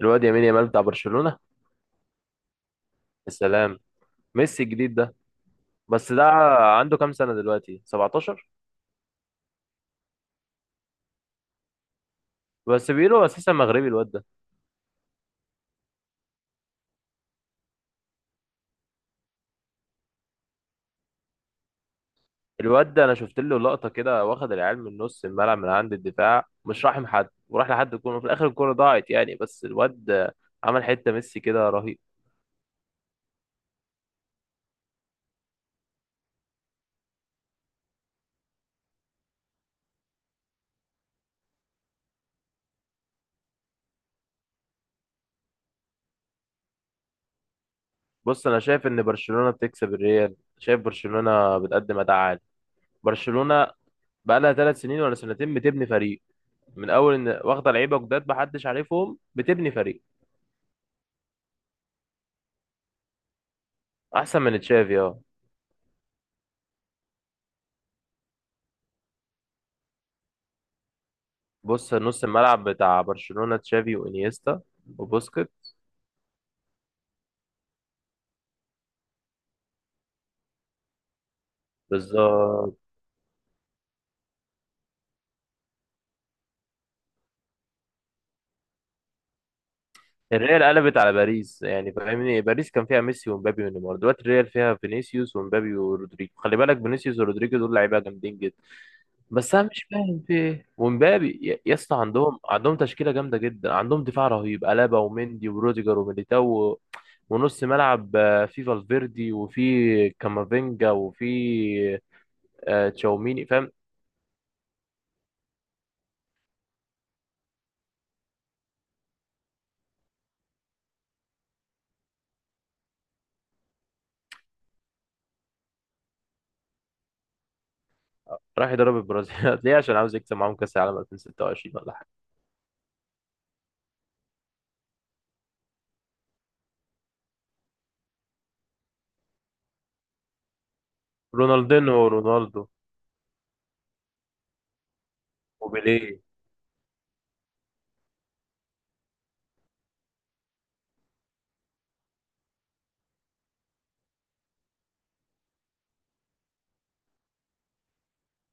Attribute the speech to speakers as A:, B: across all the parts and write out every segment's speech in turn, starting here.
A: الواد يمين يامال بتاع برشلونة. يا سلام، ميسي الجديد ده. بس ده عنده كام سنة دلوقتي؟ 17. بس بيقولوا اساسا مغربي الواد ده. انا شفت له لقطة كده، واخد العيال من نص الملعب من عند الدفاع، مش راحم حد وراح لحد الكورة، في الاخر الكورة ضاعت يعني، بس الواد عمل حتة ميسي كده رهيب. بص، انا شايف ان برشلونة بتكسب الريال، شايف برشلونة بتقدم اداء عالي. برشلونة بقالها ثلاث سنين ولا سنتين بتبني فريق، من اول ان واخده لعيبه جداد محدش عارفهم بتبني فريق. احسن من تشافي، اه. بص، نص الملعب بتاع برشلونة تشافي وانيستا وبوسكيت. بالظبط. الريال قلبت على باريس يعني، فاهمني؟ باريس كان فيها ميسي ومبابي ونيمار، دلوقتي الريال فيها فينيسيوس ومبابي ورودريجو. خلي بالك، فينيسيوس ورودريجو دول لعيبه جامدين جدا. بس انا مش فاهم في ايه ومبابي، يا يا اسطى عندهم تشكيله جامده جدا، عندهم دفاع رهيب، الابا ومندي وروديجر وميليتاو و- ونص ملعب في فالفيردي وفي كامافينجا وفي تشاوميني، فاهم. راح يضرب البرازيل ليه؟ عشان عاوز يكسب معاهم كاس العالم 2026 ولا حاجه. رونالدينو ورونالدو وبيليه.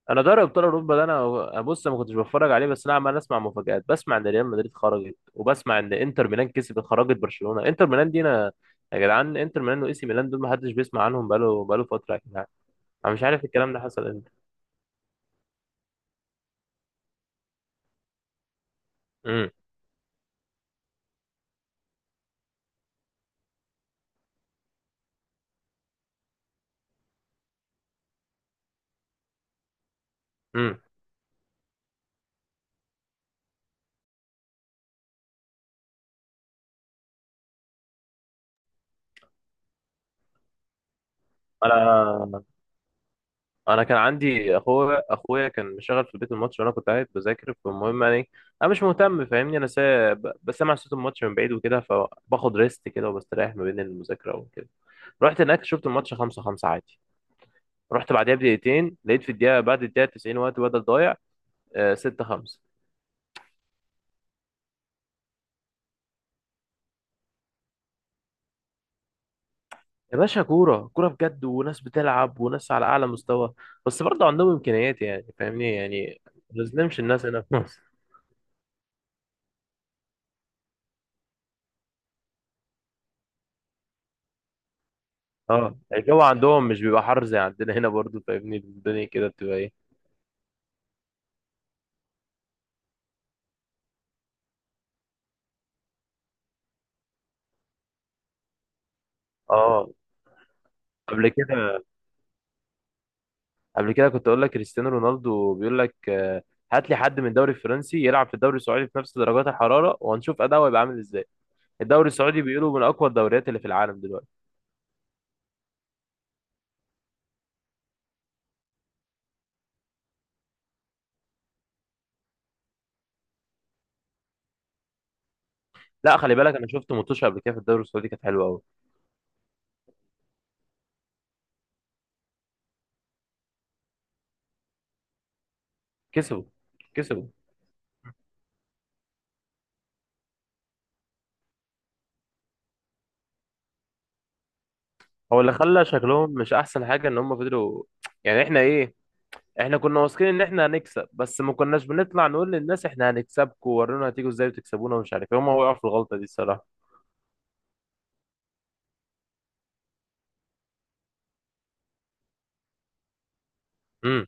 A: انا دوري ابطال اوروبا ده انا، بص، ما كنتش بتفرج عليه، بس انا عمال اسمع مفاجآت، بسمع ان ريال مدريد خرجت، وبسمع ان انتر ميلان كسبت، خرجت برشلونه. انتر ميلان دي انا، يا جدعان انتر ميلان واي سي ميلان دول ما حدش بيسمع عنهم بقاله فتره يا جدعان. انا مش عارف الكلام ده حصل امتى. امم. امم. انا انا كان عندي اخويا، اخويا كان مشغل في البيت الماتش، وانا كنت قاعد بذاكر، فالمهم يعني انا مش مهتم، فاهمني؟ بسمع صوت الماتش من بعيد وكده، فباخد ريست كده وبستريح ما بين المذاكره وكده. رحت هناك، شفت الماتش 5-5 عادي. رحت بعديها بدقيقتين لقيت في الدقيقه، بعد الدقيقه 90 وقت بدل ضايع، 6-5. يا باشا، كوره كوره بجد، وناس بتلعب وناس على اعلى مستوى. بس برضه عندهم امكانيات يعني، فاهمني يعني؟ ما نظلمش الناس هنا في مصر. اه، الجو عندهم مش بيبقى حر زي عندنا هنا برضو، فاهمني؟ الدنيا كده بتبقى ايه. اه. قبل كده، قبل كده كنت اقول لك كريستيانو رونالدو بيقول لك هات لي حد من الدوري الفرنسي يلعب في الدوري السعودي في نفس درجات الحراره، وهنشوف اداؤه هيبقى عامل ازاي. الدوري السعودي بيقولوا من اقوى الدوريات اللي في العالم دلوقتي. لا خلي بالك، انا شفت ماتش قبل كده في الدوري السعودي كانت حلوه قوي. كسبوا. كسبوا. هو اللي خلى شكلهم مش احسن حاجه ان هم فضلوا يعني. احنا ايه؟ احنا كنا واثقين ان احنا هنكسب، بس ما كناش بنطلع نقول للناس احنا هنكسبكم ورونا هتيجوا ازاي وتكسبونا ومش عارف ايه. هم وقعوا في الغلطه دي الصراحه. امم.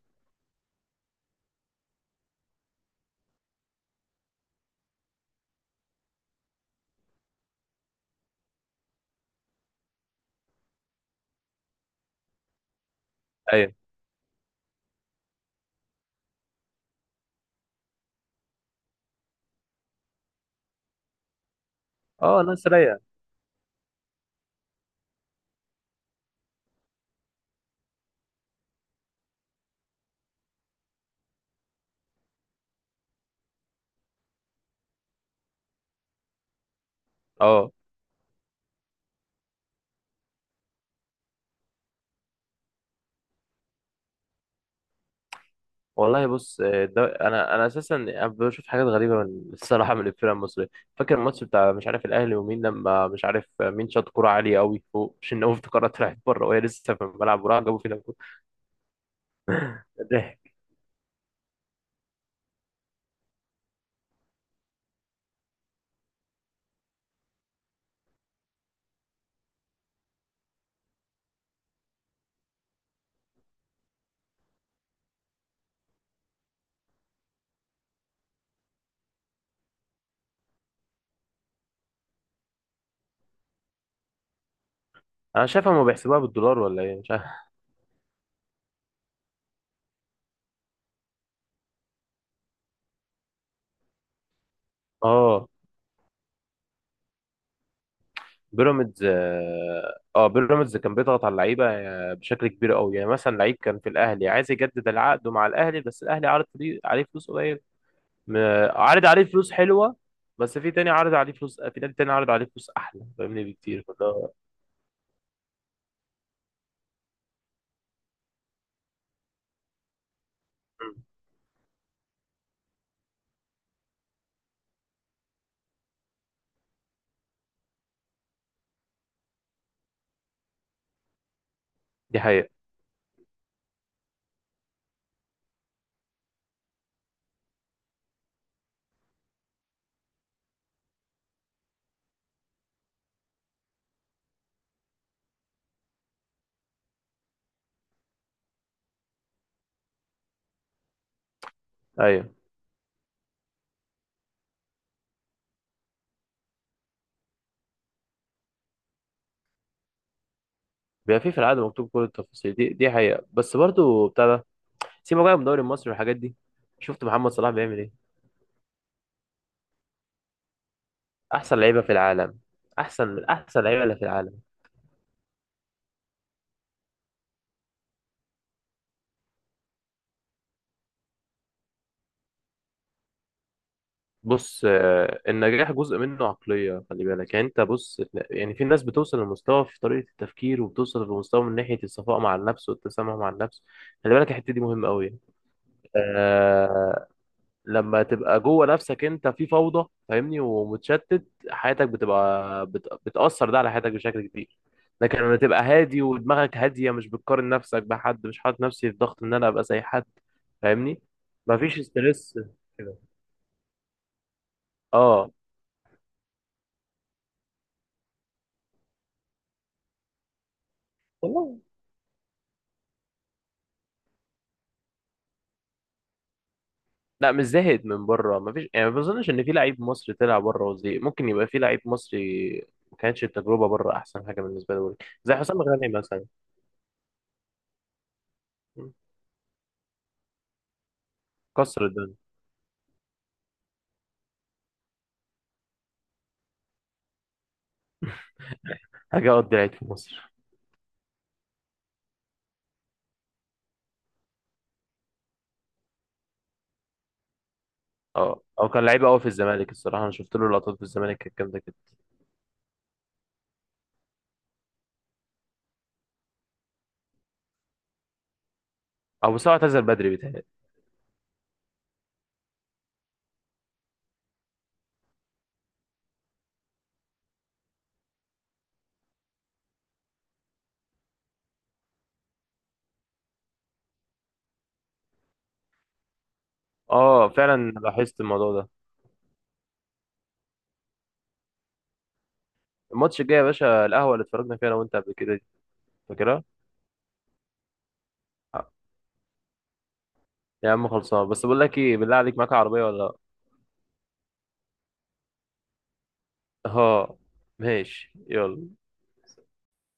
A: ايوه. اه، ناس رايقه. اه والله. بص ده انا، اساسا بشوف حاجات غريبه من الصراحه من الفرق المصريه. فاكر الماتش بتاع مش عارف الاهلي ومين؟ لما مش عارف مين شاط كوره عاليه قوي فوق شناوي، افتكرها طلعت بره وهي لسه في الملعب، وراح جابوا فينا جول. ضحك. انا شايفها ما بيحسبوها بالدولار ولا ايه، مش عارف. اه. بيراميدز، اه، بيراميدز كان بيضغط على اللعيبه بشكل كبير قوي. يعني مثلا لعيب كان في الاهلي عايز يجدد العقد مع الاهلي، بس الاهلي عليه فلوس قليل، م- عارض عليه فلوس حلوه، بس في تاني عارض عليه فلوس، في نادي تاني عارض عليه فلوس احلى، فاهمني؟ بكتير. فده، مم. دي حقيقه. ايوه. بيبقى في في العقد مكتوب كل التفاصيل. دي دي حقيقه. بس برضو بتاع ده، سيبك بقى من الدوري المصري والحاجات دي. شفت محمد صلاح بيعمل ايه؟ احسن لعيبه في العالم. احسن من احسن لعيبه اللي في العالم. بص النجاح جزء منه عقلية، خلي بالك، يعني انت بص، يعني في ناس بتوصل لمستوى في طريقة التفكير، وبتوصل لمستوى من ناحية الصفاء مع النفس والتسامح مع النفس. خلي بالك الحتة دي مهمة قوي. آه. لما تبقى جوه نفسك انت في فوضى، فاهمني؟ ومتشتت، حياتك بتبقى بتأثر ده على حياتك بشكل كبير. لكن لما تبقى هادي ودماغك هادية، مش بتقارن نفسك بحد، مش حاطط نفسي في ضغط ان انا ابقى زي حد، فاهمني؟ مفيش ستريس كده. اه والله. لا مش زاهد من بره، ما فيش يعني، ما بظنش ان في لعيب مصري طلع بره وزي، ممكن يبقى في لعيب مصري ما كانتش التجربه بره احسن حاجه بالنسبه له. زي حسام غالي مثلا. كسر الدنيا، حاجه. قضي لعيب في مصر. اه، او كان لعيب قوي في الزمالك الصراحه، انا شفت له لقطات في الزمالك كانت جامده كده. او بس هو اعتزل بدري، بيتهيألي. اه فعلا، لاحظت الموضوع ده. الماتش الجاي يا باشا؟ القهوه اللي اتفرجنا فيها انا وانت قبل كده دي، فاكرها؟ آه. يا عم خلصان، بس بقول لك ايه، بالله عليك، معاك عربيه ولا لا؟ اه ماشي، يلا.